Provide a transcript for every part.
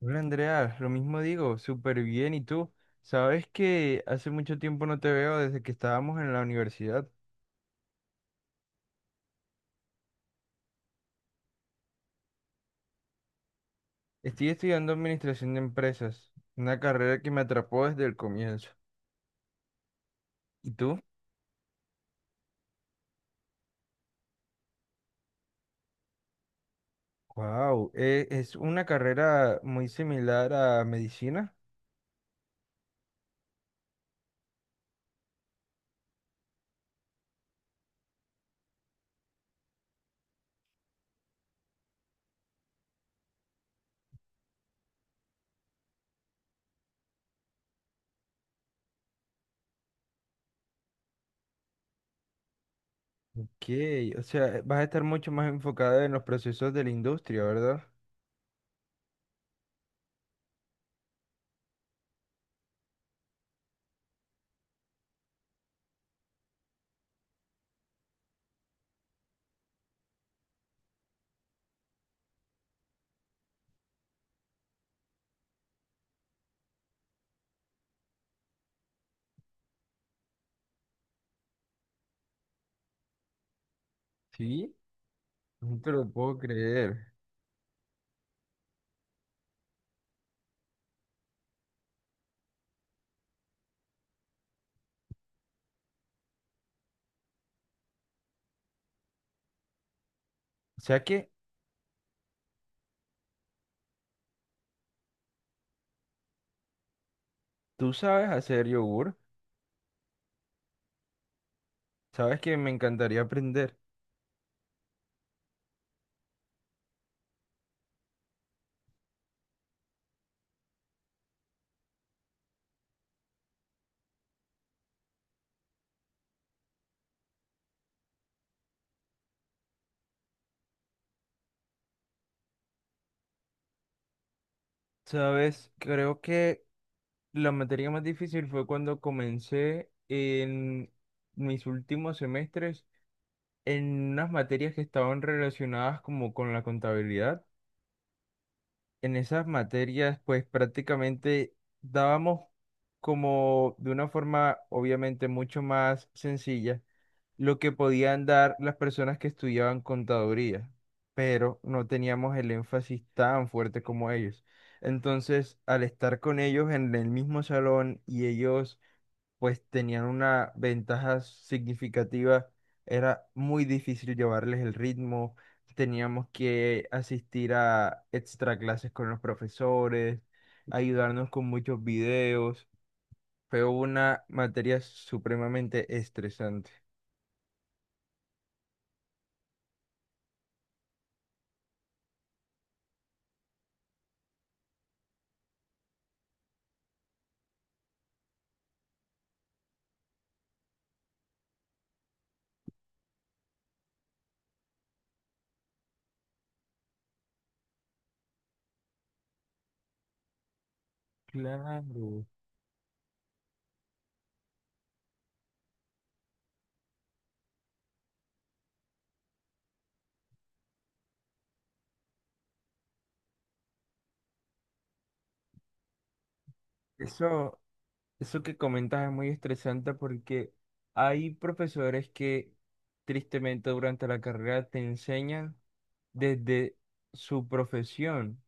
Hola Andrea, lo mismo digo, súper bien. ¿Y tú? Sabes que hace mucho tiempo no te veo desde que estábamos en la universidad. Estoy estudiando administración de empresas, una carrera que me atrapó desde el comienzo. ¿Y tú? Wow, es una carrera muy similar a medicina. Ok, o sea, vas a estar mucho más enfocada en los procesos de la industria, ¿verdad? Sí, no te lo puedo creer. O sea que tú sabes hacer yogur, sabes que me encantaría aprender. Sabes, creo que la materia más difícil fue cuando comencé en mis últimos semestres en unas materias que estaban relacionadas como con la contabilidad, en esas materias, pues prácticamente dábamos como de una forma obviamente mucho más sencilla lo que podían dar las personas que estudiaban contaduría, pero no teníamos el énfasis tan fuerte como ellos. Entonces, al estar con ellos en el mismo salón y ellos pues tenían una ventaja significativa, era muy difícil llevarles el ritmo, teníamos que asistir a extra clases con los profesores, ayudarnos con muchos videos, fue una materia supremamente estresante. Claro. Eso, eso que comentas es muy estresante porque hay profesores que tristemente durante la carrera te enseñan desde su profesión,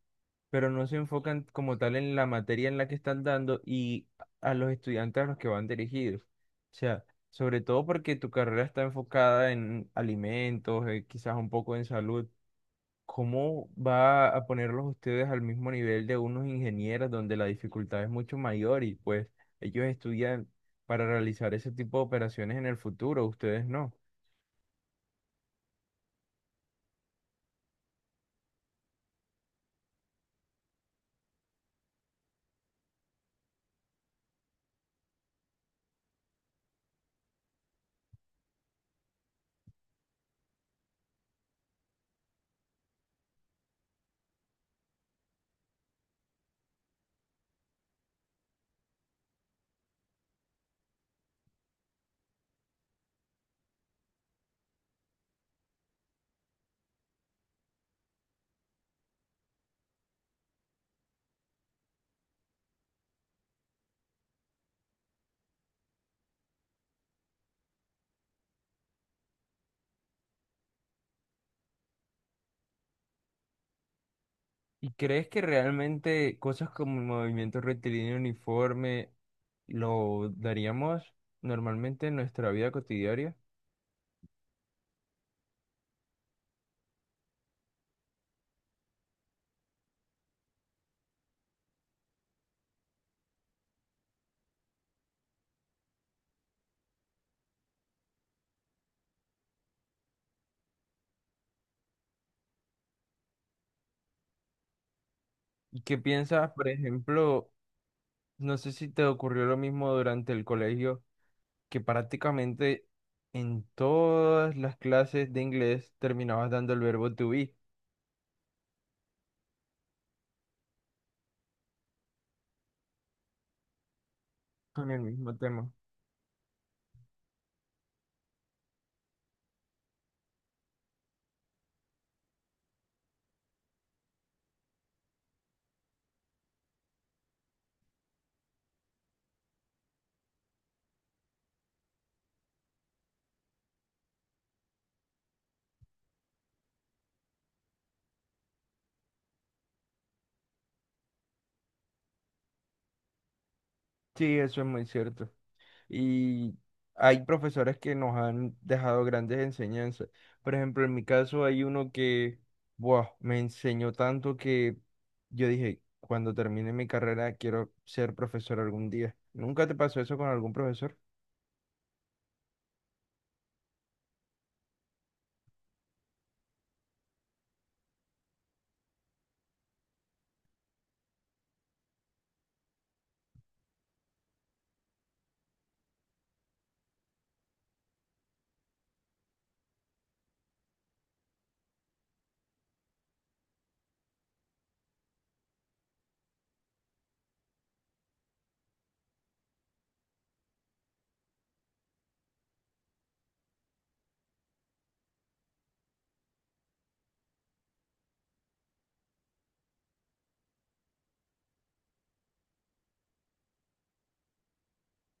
pero no se enfocan como tal en la materia en la que están dando y a los estudiantes a los que van dirigidos. O sea, sobre todo porque tu carrera está enfocada en alimentos, quizás un poco en salud. ¿Cómo va a ponerlos ustedes al mismo nivel de unos ingenieros donde la dificultad es mucho mayor y pues ellos estudian para realizar ese tipo de operaciones en el futuro, ustedes no? ¿Y crees que realmente cosas como el movimiento rectilíneo uniforme lo daríamos normalmente en nuestra vida cotidiana? ¿Qué piensas, por ejemplo, no sé si te ocurrió lo mismo durante el colegio, que prácticamente en todas las clases de inglés terminabas dando el verbo to be con el mismo tema? Sí, eso es muy cierto. Y hay profesores que nos han dejado grandes enseñanzas. Por ejemplo, en mi caso hay uno que, buah, me enseñó tanto que yo dije, cuando termine mi carrera quiero ser profesor algún día. ¿Nunca te pasó eso con algún profesor?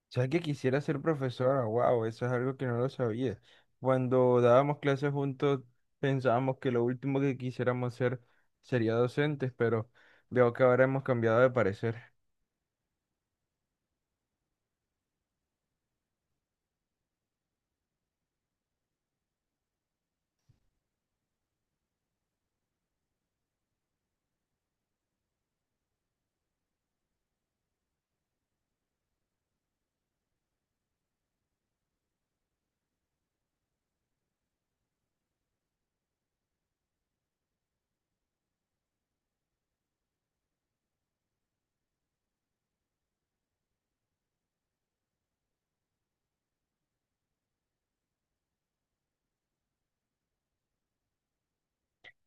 ¿Sabes que quisiera ser profesora? Wow, eso es algo que no lo sabía. Cuando dábamos clases juntos pensábamos que lo último que quisiéramos ser sería docentes, pero veo que ahora hemos cambiado de parecer.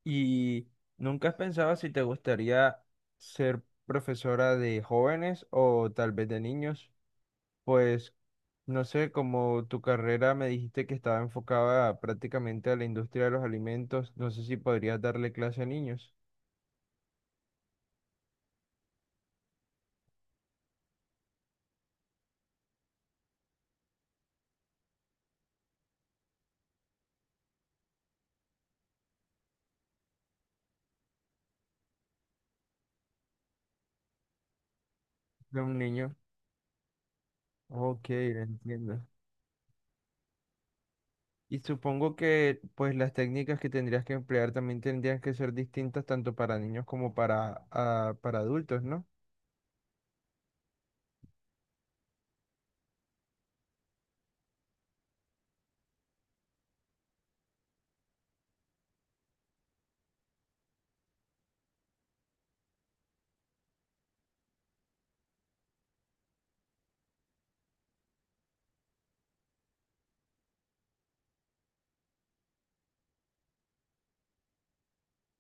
¿Y nunca has pensado si te gustaría ser profesora de jóvenes o tal vez de niños? Pues no sé, como tu carrera me dijiste que estaba enfocada prácticamente a la industria de los alimentos, no sé si podrías darle clase a niños, de un niño. Ok, entiendo. Y supongo que pues las técnicas que tendrías que emplear también tendrían que ser distintas tanto para niños como para, ah, para adultos, ¿no?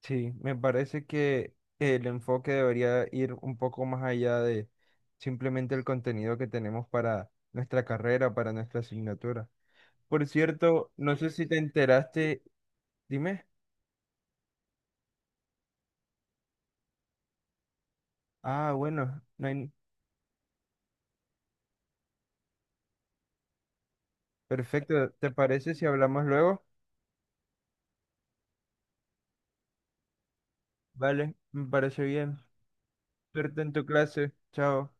Sí, me parece que el enfoque debería ir un poco más allá de simplemente el contenido que tenemos para nuestra carrera, para nuestra asignatura. Por cierto, no sé si te enteraste, dime. Ah, bueno, no hay... perfecto. ¿Te parece si hablamos luego? Vale, me parece bien. Suerte en tu clase. Chao.